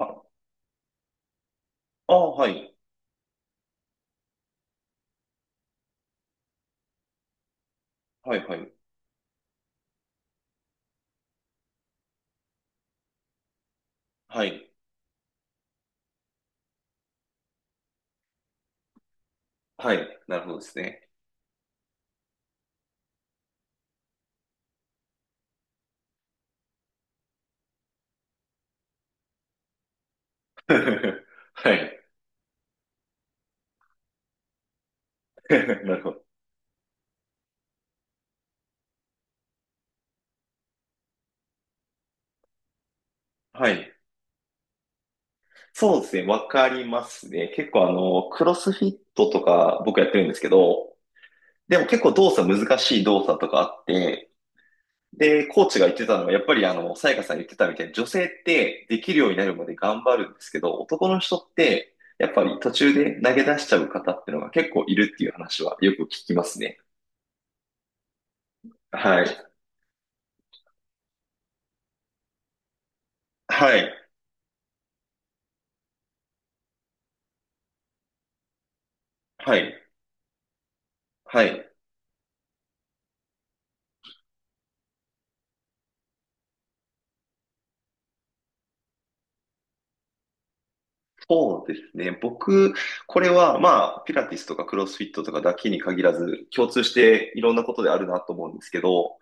あ、ああ、はい。はい、はい。はい。はい。なるほどですね。はい。なるほど。はい。そうですね。わかりますね。結構クロスフィットとか僕やってるんですけど、でも結構難しい動作とかあって、で、コーチが言ってたのは、やっぱりさやかさん言ってたみたいに、女性ってできるようになるまで頑張るんですけど、男の人って、やっぱり途中で投げ出しちゃう方っていうのが結構いるっていう話はよく聞きますね。はい。はい。はい。はい。そうですね。僕、これは、まあ、ピラティスとかクロスフィットとかだけに限らず、共通していろんなことであるなと思うんですけど、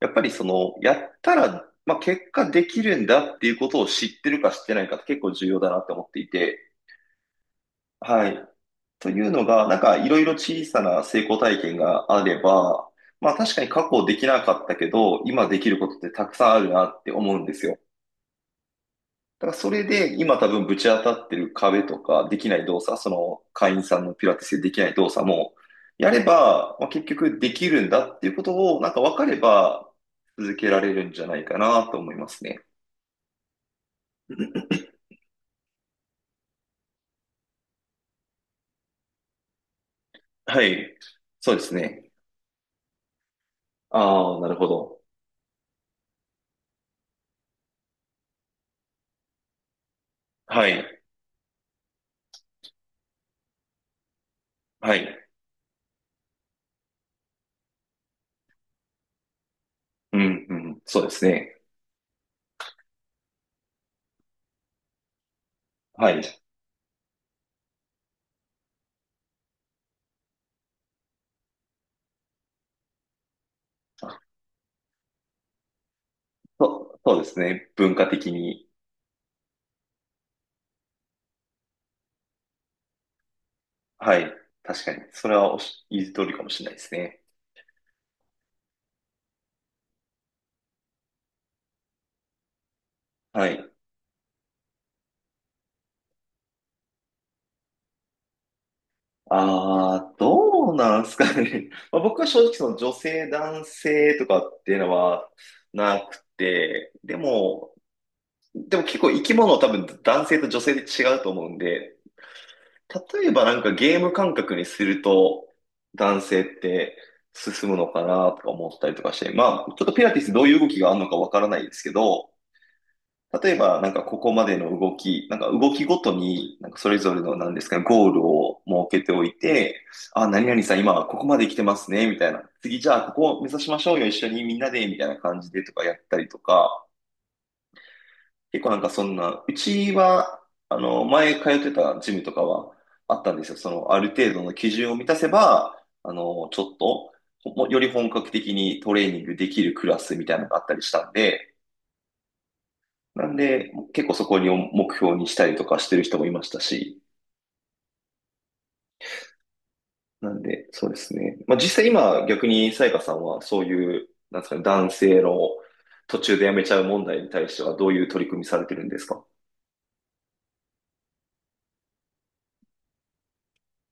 やっぱりその、やったら、まあ、結果できるんだっていうことを知ってるか知ってないかって結構重要だなって思っていて、はい。というのが、なんか、いろいろ小さな成功体験があれば、まあ、確かに過去できなかったけど、今できることってたくさんあるなって思うんですよ。だからそれで今多分ぶち当たってる壁とかできない動作、その会員さんのピラティスでできない動作もやれば、まあ、結局できるんだっていうことをなんか分かれば続けられるんじゃないかなと思いますね。はい。そうですね。ああ、なるほど。はい。はい。うん、うん。そうですね。はい。そうですね。文化的に。はい。確かに。それはおっし、言う通りかもしれないですね。はい。ああ、どうなんですかね。まあ、僕は正直その女性、男性とかっていうのはなくて、でも、でも結構生き物は多分男性と女性で違うと思うんで、例えばなんかゲーム感覚にすると男性って進むのかなとか思ったりとかして、まあちょっとピラティスどういう動きがあるのかわからないですけど、例えば、なんかここまでの動き、なんか動きごとに、なんかそれぞれの何ですかね、ゴールを設けておいて、あ、何々さん今はここまで来てますね、みたいな。次じゃあここを目指しましょうよ、一緒にみんなで、みたいな感じでとかやったりとか、結構なんかそんな、うちは、前通ってたジムとかはあったんですよ。その、ある程度の基準を満たせば、あの、ちょっと、より本格的にトレーニングできるクラスみたいなのがあったりしたんで、なんで、結構そこに目標にしたりとかしてる人もいましたし、なんで、そうですね。まあ実際今逆にさやかさんはそういう、なんですかね、男性の途中で辞めちゃう問題に対してはどういう取り組みされてるんですか？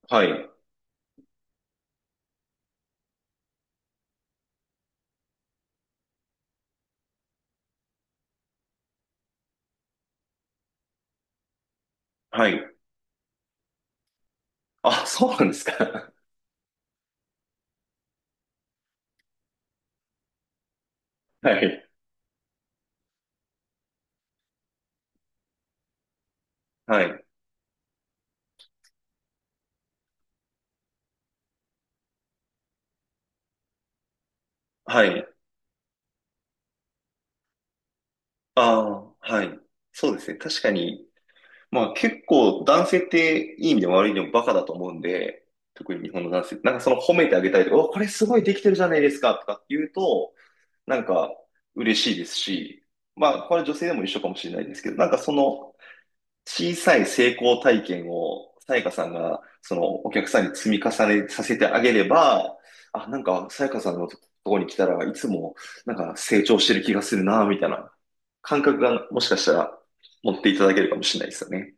はい。はい。あ、そうなんですか。はい。はい。はい。ああ、はい。そうですね。確かに、まあ結構男性っていい意味でも悪い意味でもバカだと思うんで、特に日本の男性って、なんかその褒めてあげたりとか、お、これすごいできてるじゃないですかとかって言うと、なんか嬉しいですし、まあ、これ女性でも一緒かもしれないですけど、なんかその小さい成功体験を、さやかさんが、そのお客さんに積み重ねさせてあげれば、あ、なんかさやかさんのところに来たらいつもなんか成長してる気がするな、みたいな感覚がもしかしたら持っていただけるかもしれないですよね。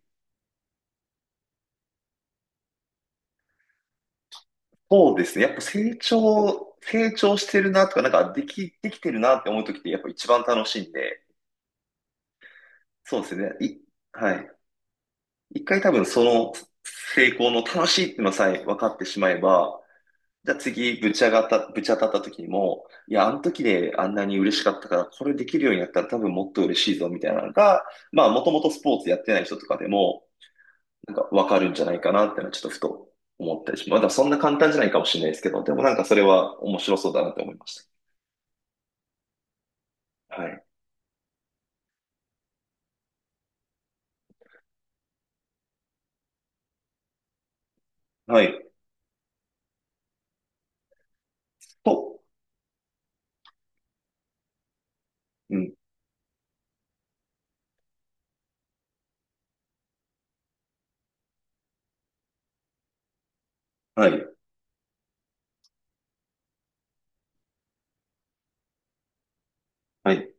そうですね。やっぱ成長してるなとか、なんかできてるなって思うときってやっぱ一番楽しいんで、そうですね。はい。一回多分その成功の楽しいっていうのさえ分かってしまえば、じゃあ次ぶち当たった時にも、いや、あの時であんなに嬉しかったから、これできるようになったら多分もっと嬉しいぞみたいなのが、まあもともとスポーツやってない人とかでも、なんか分かるんじゃないかなっていうのはちょっとふと思ったりします。まだそんな簡単じゃないかもしれないですけど、でもなんかそれは面白そうだなって思いました。はい。はい。と、うん。はい。はい。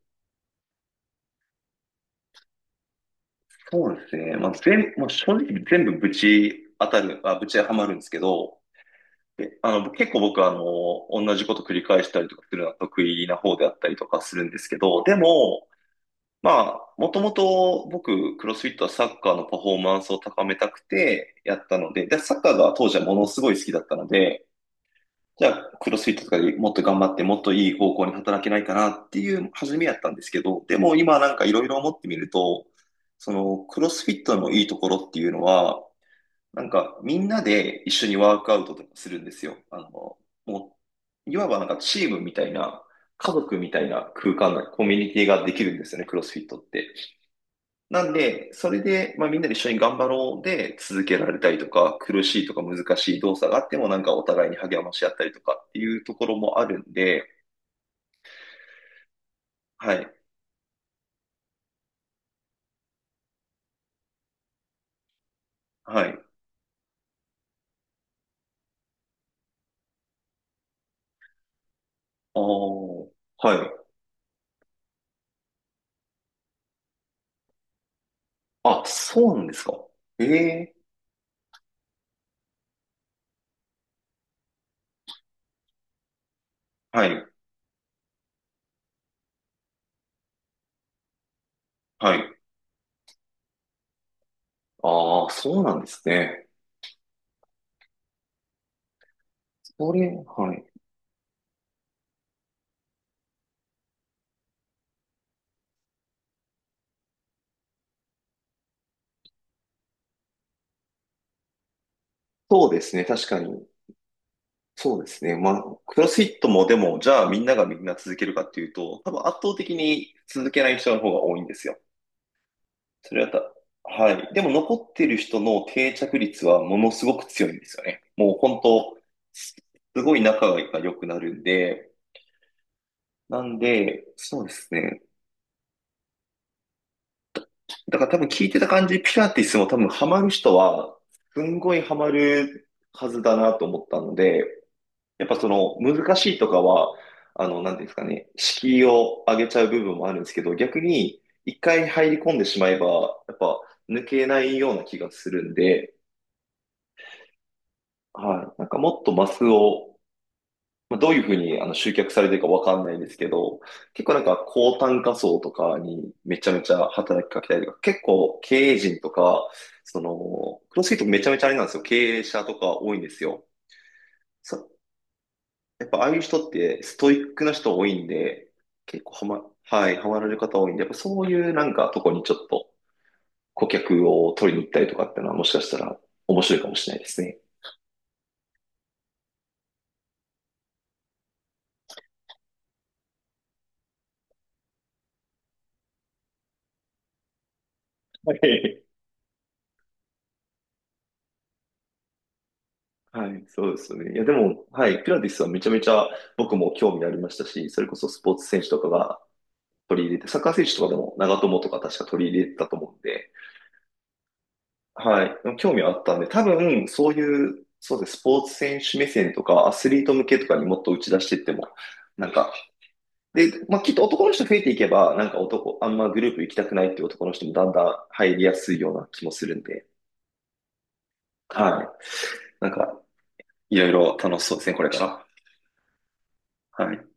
そうですね。まあ、正直全部ぶちはまるんですけど、あの、結構僕はあの、同じこと繰り返したりとかするのは得意な方であったりとかするんですけど、でも、まあ、もともと僕、クロスフィットはサッカーのパフォーマンスを高めたくてやったので、で、サッカーが当時はものすごい好きだったので、じゃあ、クロスフィットとかでもっと頑張って、もっといい方向に働けないかなっていう初めやったんですけど、でも今なんかいろいろ思ってみると、そのクロスフィットのいいところっていうのは、なんかみんなで一緒にワークアウトとかするんですよ。あの、もう、いわばなんかチームみたいな、家族みたいな空間、コミュニティができるんですよね、クロスフィットって。なんで、それで、まあ、みんなで一緒に頑張ろうで続けられたりとか、苦しいとか難しい動作があっても、なんかお互いに励まし合ったりとかっていうところもあるんで、はい、はい。あーはい。あ、そうなんですか。ええ、はい、はい。ああ、そうなんですね。それ、はい。そうですね、確かに。そうですね。まあ、クロスフィットもでも、じゃあみんながみんな続けるかっていうと、多分圧倒的に続けない人の方が多いんですよ。それはた、はい。でも残ってる人の定着率はものすごく強いんですよね。もう本当、すすごい仲が良くなるんで、なんで、そうですね。だから多分聞いてた感じ、ピラティスも多分ハマる人は、すんごいハマるはずだなと思ったので、やっぱその難しいとかは、あの、なんていうんですかね、敷居を上げちゃう部分もあるんですけど、逆に一回入り込んでしまえば、やっぱ抜けないような気がするんで、はい。なんかもっとマスを、まあ、どういうふうに集客されてるかわかんないんですけど、結構なんか高単価層とかにめちゃめちゃ働きかけたりとか、結構経営陣とか、その、クロスフィットめちゃめちゃあれなんですよ。経営者とか多いんですよ。そやっぱああいう人ってストイックな人多いんで、結構はま、はい、ハマられる方多いんで、やっぱそういうなんかとこにちょっと顧客を取りに行ったりとかってのはもしかしたら面白いかもしれないですね。はい、そうですね。いや、でも、はい、ピラティスはめちゃめちゃ僕も興味ありましたし、それこそスポーツ選手とかが取り入れて、サッカー選手とかでも長友とか確か取り入れてたと思うんで、はい、でも興味はあったんで、多分、そういう、そうですね、スポーツ選手目線とか、アスリート向けとかにもっと打ち出していっても、なんか、で、まあ、きっと男の人増えていけば、なんか男、あんまグループ行きたくないっていう男の人もだんだん入りやすいような気もするんで、はい、なんか、いろいろ楽しそうですね、これから。はい。